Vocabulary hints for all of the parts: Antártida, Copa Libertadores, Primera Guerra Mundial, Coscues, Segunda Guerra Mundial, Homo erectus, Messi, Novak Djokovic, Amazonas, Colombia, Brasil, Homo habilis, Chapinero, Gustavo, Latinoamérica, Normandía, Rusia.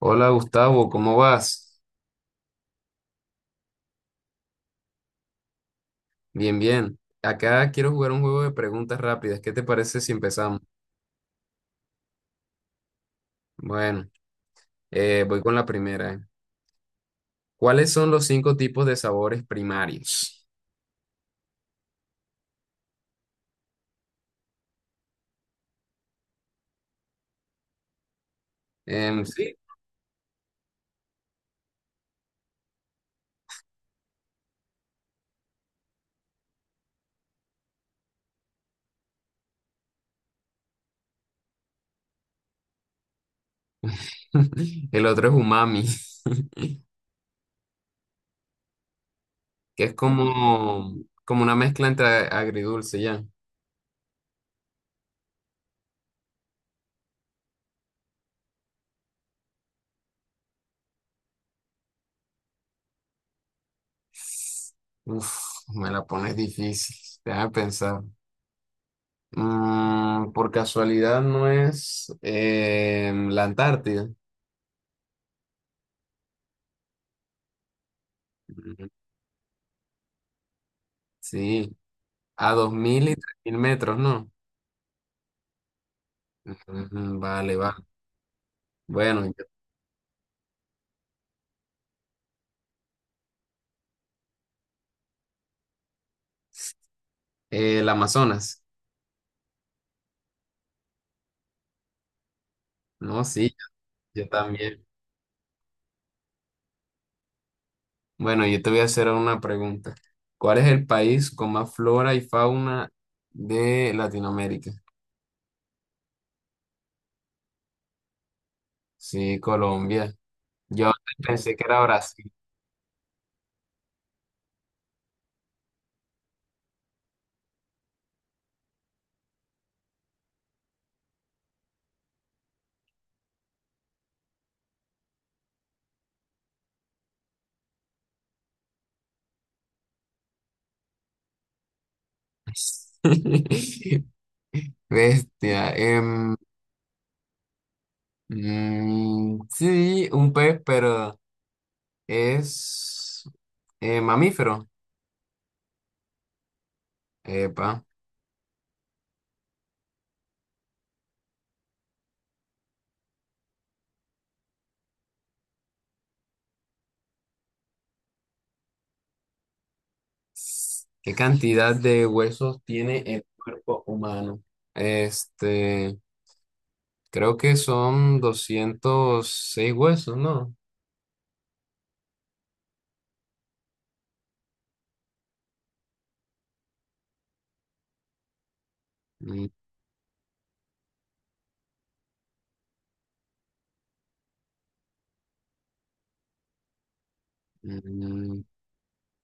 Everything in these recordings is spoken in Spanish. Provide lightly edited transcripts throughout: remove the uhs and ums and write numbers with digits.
Hola Gustavo, ¿cómo vas? Bien, bien. Acá quiero jugar un juego de preguntas rápidas. ¿Qué te parece si empezamos? Bueno, voy con la primera. ¿Eh? ¿Cuáles son los cinco tipos de sabores primarios? Sí. El otro es umami, que es como una mezcla entre agridulce, ya. Uf, me la pones difícil. Déjame pensar. Por casualidad no es la Antártida. Mm, sí. A 2000 y 3000 metros, ¿no? Ujú, vale, va. Bueno, el Amazonas. No, sí, yo también. Bueno, yo te voy a hacer una pregunta. ¿Cuál es el país con más flora y fauna de Latinoamérica? Sí, Colombia. Yo antes pensé que era Brasil. Bestia. Mm, sí, un pez, pero es mamífero. Epa. ¿Qué cantidad de huesos tiene el cuerpo humano? Este, creo que son 206 huesos, ¿no? Mm, mm,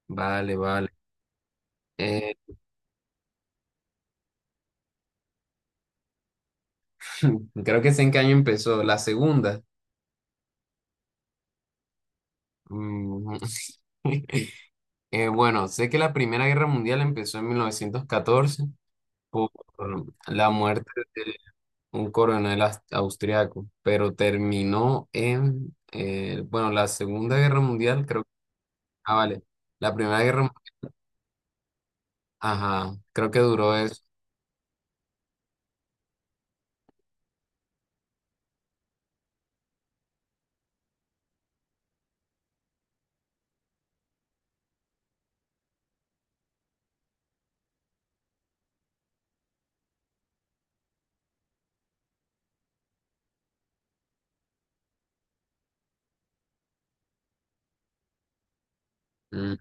vale, vale. Eh, Creo que sé en qué año empezó. La segunda. Mm, bueno, sé que la Primera Guerra Mundial empezó en 1914 por la muerte de un coronel austriaco, pero terminó en, bueno, la Segunda Guerra Mundial creo. Ah, vale. La Primera Guerra, ajá, creo que duró eso. Mm,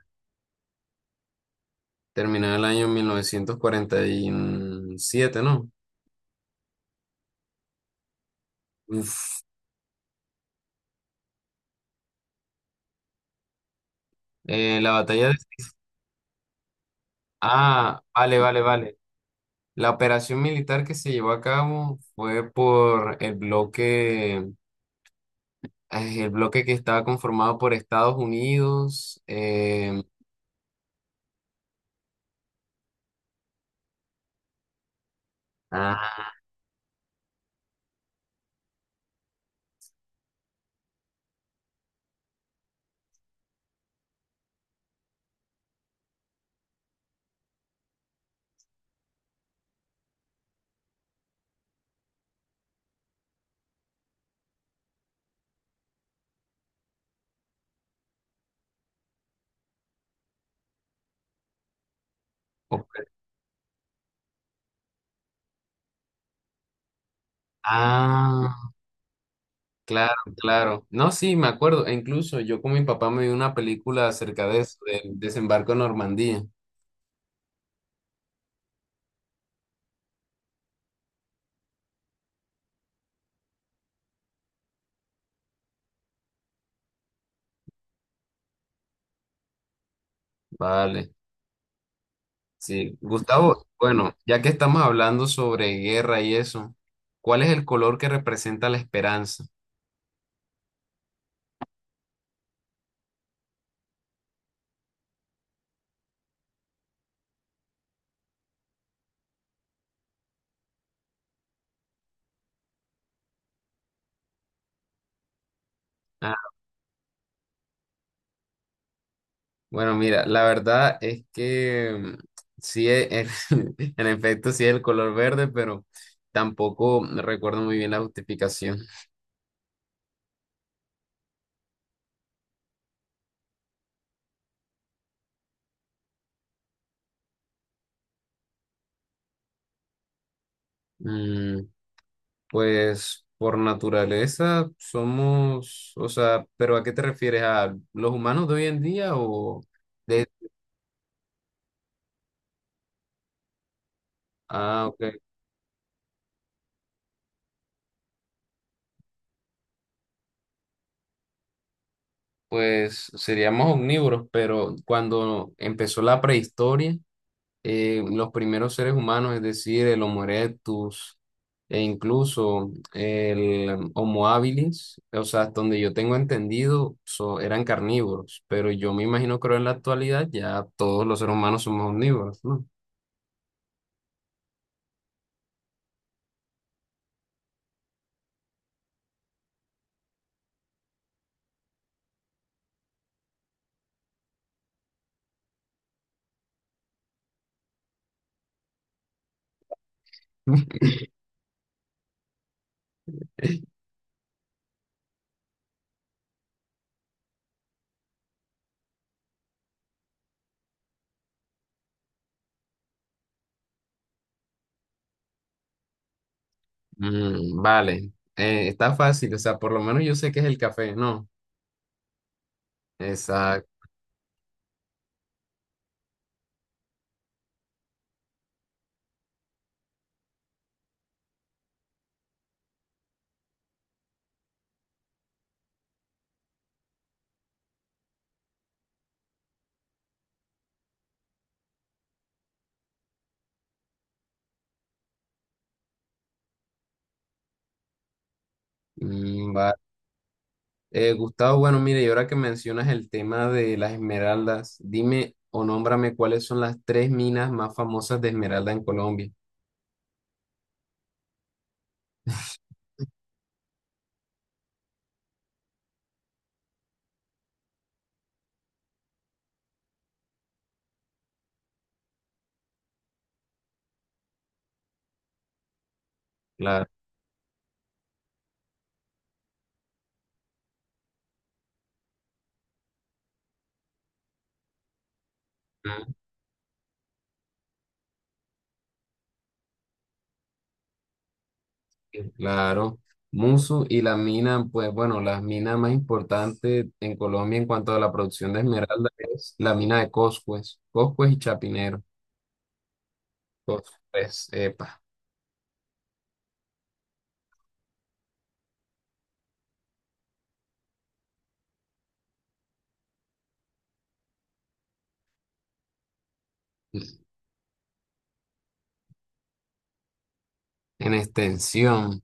Terminó en el año 1947, ¿no? Uf. La batalla de... Ah, vale, vale, vale. La operación militar que se llevó a cabo fue por el bloque, ay, el bloque que estaba conformado por Estados Unidos. Ah, op- ah, claro, claro. No, sí, me acuerdo. E incluso yo con mi papá me vi una película acerca de eso, del desembarco en Normandía. Vale, sí. Gustavo, bueno, ya que estamos hablando sobre guerra y eso, ¿cuál es el color que representa la esperanza? Ah, bueno, mira, la verdad es que mm, sí, en, en efecto, sí es el color verde, pero tampoco recuerdo muy bien la justificación. Mm, pues por naturaleza somos, o sea, ¿pero a qué te refieres? ¿A los humanos de hoy en día o de... Ah, ok. Pues seríamos omnívoros, pero cuando empezó la prehistoria, los primeros seres humanos, es decir, el Homo erectus e incluso el Homo habilis, o sea, hasta donde yo tengo entendido, eran carnívoros, pero yo me imagino que ahora en la actualidad ya todos los seres humanos somos omnívoros, ¿no? Mm, vale. Está fácil, o sea, por lo menos yo sé que es el café, ¿no? Exacto. Mm, vale. Gustavo, bueno, mire, y ahora que mencionas el tema de las esmeraldas, dime o nómbrame cuáles son las tres minas más famosas de esmeralda en Colombia. Claro, ah, claro, Musu y la mina, pues bueno, las minas más importantes en Colombia en cuanto a la producción de esmeralda es la mina de Coscues y Chapinero, Coscues, epa. En extensión.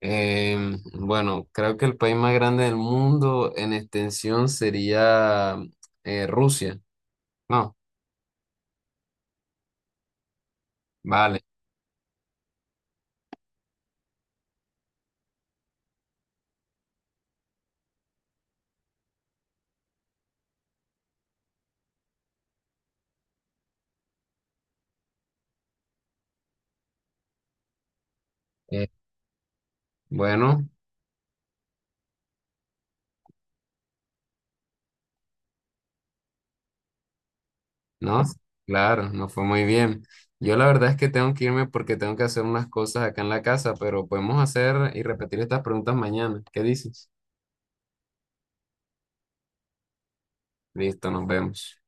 Bueno, creo que el país más grande del mundo en extensión sería Rusia. No, vale. Eh, bueno, no, claro, no fue muy bien. Yo la verdad es que tengo que irme porque tengo que hacer unas cosas acá en la casa, pero podemos hacer y repetir estas preguntas mañana. ¿Qué dices? Listo, nos vemos.